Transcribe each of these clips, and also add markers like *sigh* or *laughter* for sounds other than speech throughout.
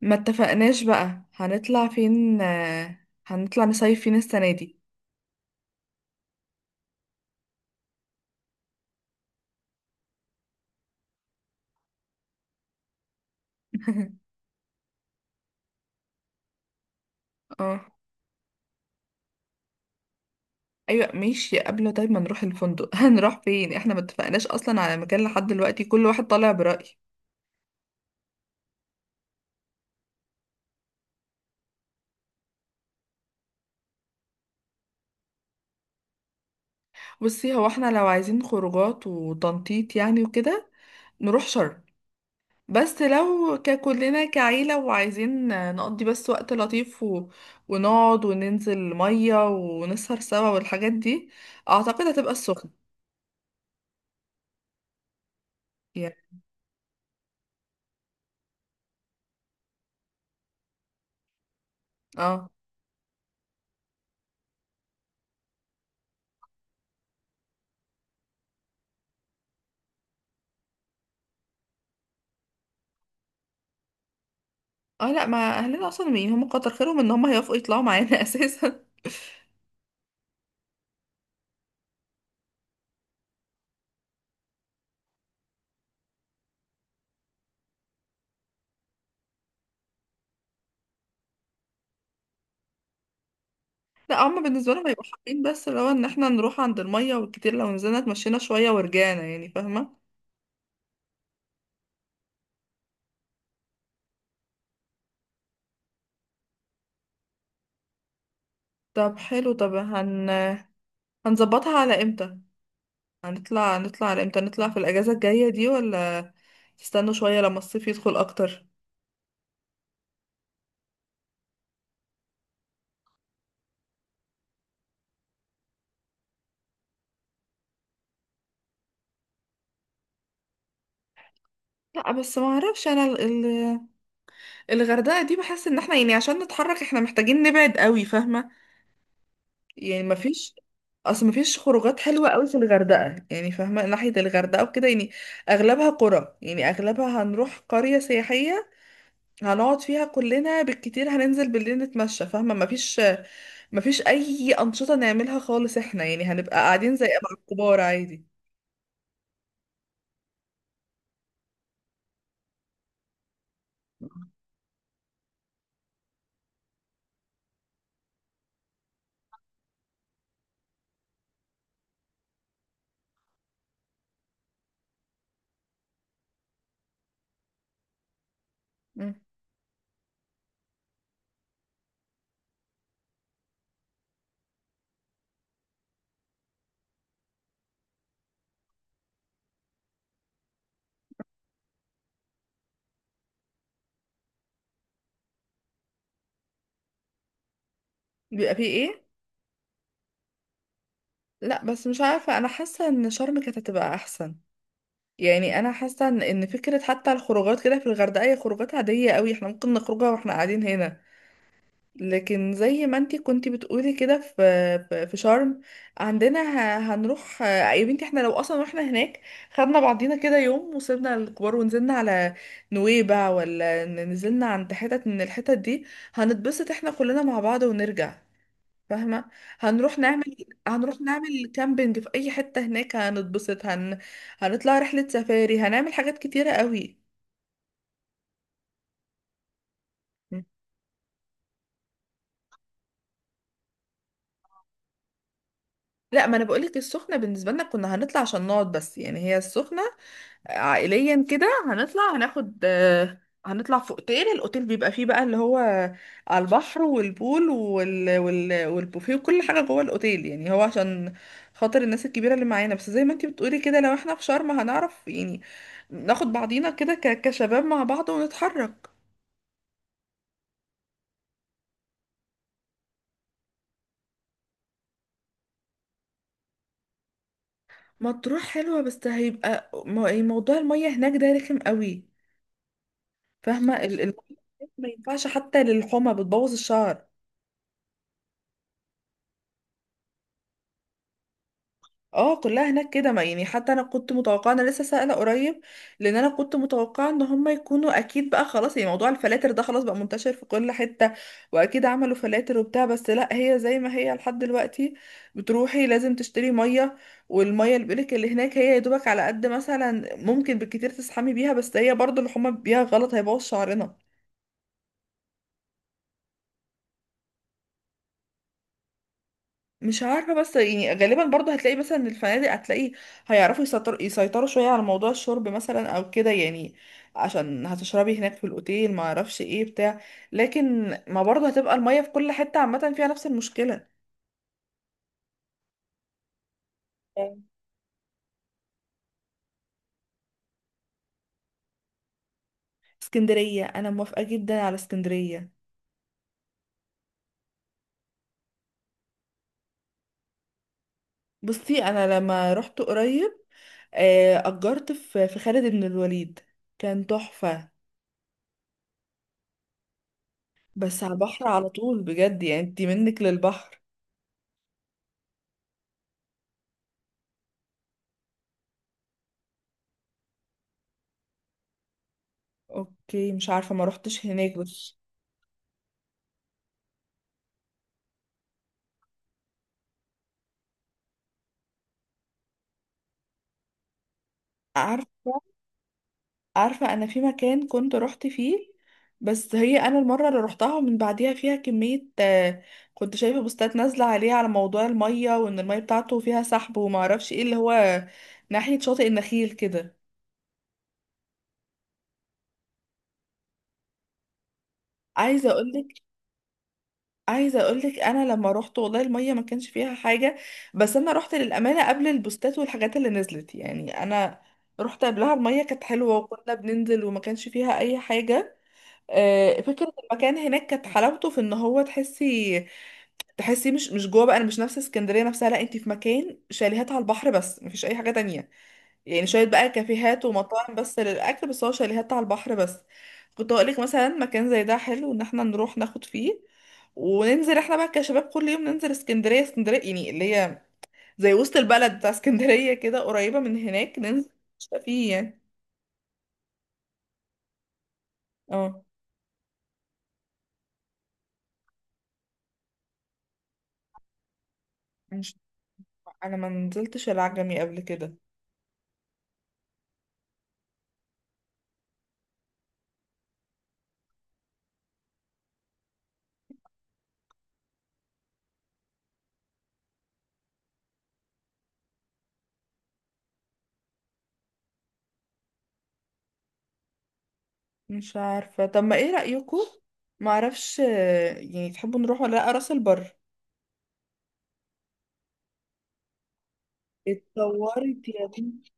ما اتفقناش بقى هنطلع فين، هنطلع نصيف فين السنة دي؟ *laughs* اه، ايوه ماشي. قبل طيب، ما نروح الفندق. *laughs* هنروح فين؟ احنا ما اتفقناش اصلا على مكان لحد دلوقتي، كل واحد طالع برأي. بصي، هو احنا لو عايزين خروجات وتنطيط يعني وكده نروح شرم، بس لو ككلنا كعيلة وعايزين نقضي بس وقت لطيف ونقعد وننزل مية ونسهر سوا والحاجات دي، اعتقد هتبقى السخنة. يعني، اه، اه، لا ما اهلنا اصلا يعني هم كتر خيرهم ان هم هيوافقوا يطلعوا معانا *laughs* اساسا. لا هم بالنسبه لهم هيبقوا حابين، بس اللي هو ان احنا نروح عند الميه والكتير، لو نزلنا اتمشينا شويه ورجعنا، يعني فاهمه. طب حلو، طب هنظبطها على امتى؟ هنطلع، نطلع على امتى، نطلع في الاجازه الجايه دي ولا تستنوا شويه لما الصيف يدخل اكتر؟ لا بس ما اعرفش، انا الغردقه دي بحس ان احنا يعني عشان نتحرك احنا محتاجين نبعد قوي، فاهمه؟ يعني ما فيش، ما فيش خروجات حلوه قوي في الغردقه يعني، فاهمه ناحيه الغردقه وكده يعني اغلبها قرى، يعني اغلبها هنروح قريه سياحيه هنقعد فيها كلنا، بالكتير هننزل بالليل نتمشى، فاهمه ما فيش اي انشطه نعملها خالص، احنا يعني هنبقى قاعدين زي مع الكبار عادي. مم. بيبقى فيه ايه؟ لا بس مش عارفه، انا حاسه ان شرم كانت هتبقى احسن، يعني انا حاسه إن فكره حتى الخروجات كده في الغردقه هي خروجات عاديه قوي، احنا ممكن نخرجها واحنا قاعدين هنا. لكن زي ما انتي كنتي بتقولي كده، في شرم عندنا، هنروح يا بنتي، احنا لو اصلا رحنا هناك، خدنا بعضينا كده يوم وسيبنا الكبار ونزلنا على نويبع، ولا نزلنا عند حتت من الحتت دي، هنتبسط احنا كلنا مع بعض ونرجع، فاهمة؟ هنروح نعمل، كامبينج في اي حتة هناك، هنتبسط، هنطلع رحلة سفاري، هنعمل حاجات كتيرة قوي. لا، ما انا بقولك السخنة بالنسبة لنا كنا هنطلع عشان نقعد بس، يعني هي السخنة عائليا كده هنطلع هناخد، هنطلع في اوتيل، الاوتيل بيبقى فيه بقى اللي هو على البحر، والبول والبوفيه وكل حاجة جوه الاوتيل، يعني هو عشان خاطر الناس الكبيرة اللي معانا، بس زي ما انتي بتقولي كده لو احنا في شرم هنعرف يعني ناخد بعضينا كده كشباب مع بعض ونتحرك. مطروح حلوة، بس هيبقى يعني موضوع المية هناك ده رخم قوي، فاهمة ما ينفعش حتى للحمى، بتبوظ الشعر. اه كلها هناك كده، ما يعني حتى انا كنت متوقعه، انا لسه سائله قريب، لان انا كنت متوقعه ان هم يكونوا اكيد بقى خلاص، يعني موضوع الفلاتر ده خلاص بقى منتشر في كل حته، واكيد عملوا فلاتر وبتاع، بس لا هي زي ما هي لحد دلوقتي، بتروحي لازم تشتري ميه، والميه اللي بيقولك اللي هناك هي يا دوبك على قد مثلا ممكن بالكتير تسحمي بيها، بس هي برضو اللي هما بيها غلط هيبوظ شعرنا. مش عارفة، بس يعني غالبا برضه هتلاقي مثلا إن الفنادق هتلاقي هيعرفوا يسيطروا شوية على موضوع الشرب مثلا او كده، يعني عشان هتشربي هناك في الاوتيل، ما اعرفش ايه بتاع. لكن ما برضه هتبقى المية في كل حتة عامة فيها نفس المشكلة. أيوة. اسكندرية، انا موافقة جدا على اسكندرية. بصي انا لما رحت قريب، اجرت في خالد بن الوليد، كان تحفة. بس على البحر على طول بجد، يعني انتي منك للبحر. اوكي، مش عارفة ما روحتش هناك بس. عارفة، عارفة، أنا في مكان كنت رحت فيه، بس هي أنا المرة اللي رحتها من بعديها فيها كمية، كنت شايفة بوستات نازلة عليه على موضوع المية، وإن المية بتاعته فيها سحب ومعرفش إيه اللي هو، ناحية شاطئ النخيل كده. عايزة أقولك، عايزة أقولك، أنا لما روحت والله المية ما كانش فيها حاجة، بس أنا روحت للأمانة قبل البوستات والحاجات اللي نزلت، يعني أنا رحت قبلها المية كانت حلوة وكنا بننزل وما كانش فيها أي حاجة. فكرة المكان هناك كانت حلاوته في ان هو تحسي، تحسي مش جوه بقى، انا مش نفس اسكندرية نفسها، لا انت في مكان شاليهات على البحر بس مفيش اي حاجة تانية، يعني شوية بقى كافيهات ومطاعم بس للاكل، بس هو شاليهات على البحر بس. كنت اقولك مثلا مكان زي ده حلو ان احنا نروح ناخد فيه وننزل احنا بقى كشباب، كل يوم ننزل اسكندرية، اسكندرية يعني اللي هي زي وسط البلد بتاع اسكندرية كده قريبة من هناك، ننزل نشتاق فيه يعني. اه، مش، انا ما نزلتش العجمي قبل كده. مش عارفة، طب ما ايه رأيكم؟ معرفش، يعني تحبوا نروح ولا لأ راس البر؟ اتطورت يا بنتي،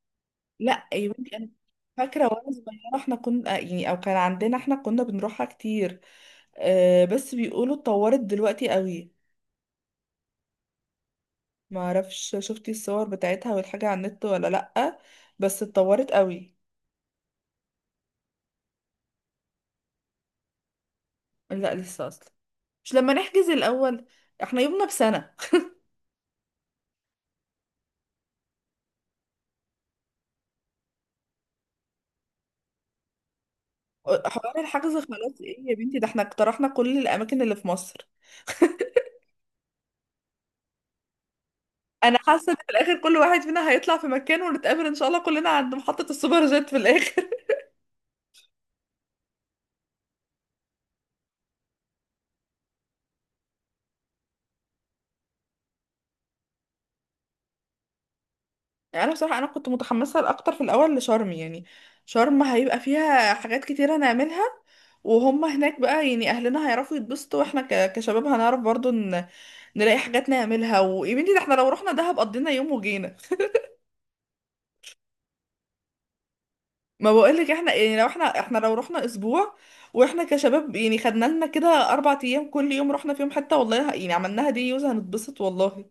لا يا بنتي انا فاكرة وانا صغيرة احنا كنا، يعني او كان عندنا احنا كنا بنروحها كتير، بس بيقولوا اتطورت دلوقتي قوي. معرفش شفتي الصور بتاعتها والحاجة على النت ولا لأ، بس اتطورت قوي. لا لسه اصلا، مش لما نحجز الأول، احنا يومنا بسنة. حوار الحجز خلاص ايه يا بنتي، ده احنا اقترحنا كل الأماكن اللي في مصر. انا حاسه ان في الاخر كل واحد فينا هيطلع في مكان، ونتقابل ان شاء الله كلنا عند محطه السوبر جيت في الاخر. *laughs* يعني انا بصراحه، انا كنت متحمسه اكتر في الاول لشرم، يعني شرم هيبقى فيها حاجات كتيره نعملها، وهم هناك بقى يعني اهلنا هيعرفوا يتبسطوا، واحنا كشباب هنعرف برضو نلاقي حاجات نعملها. ويا بنتي ده احنا لو رحنا دهب قضينا يوم وجينا، ما بقولك احنا يعني لو احنا رحنا اسبوع واحنا كشباب، يعني خدنا لنا كده 4 ايام كل يوم رحنا فيهم حته، والله يعني عملناها دي يوز هنتبسط والله.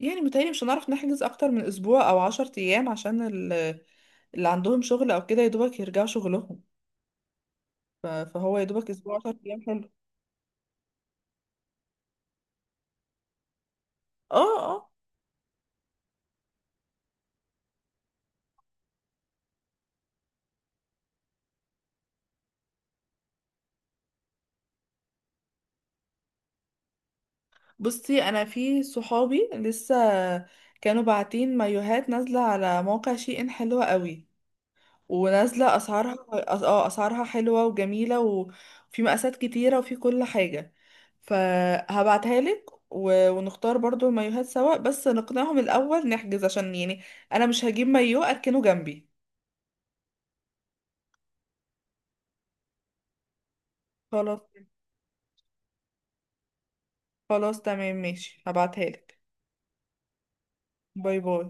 يعني متهيألي مش هنعرف نحجز أكتر من أسبوع أو 10 أيام، عشان ال- اللي عندهم شغل أو كده يدوبك يرجعوا شغلهم، فهو يدوبك أسبوع 10 أيام حلو. اه، اه. بصي أنا في صحابي لسه كانوا باعتين مايوهات نازلة على موقع شي إن، حلوة قوي ونازلة أسعارها، أسعارها حلوة وجميلة وفي مقاسات كتيرة وفي كل حاجة. فهبعتها لك ونختار برضو المايوهات سوا، بس نقنعهم الأول نحجز، عشان يعني أنا مش هجيب مايو أركنه جنبي. خلاص. خلاص تمام ماشي، هبعتها لك. باي باي.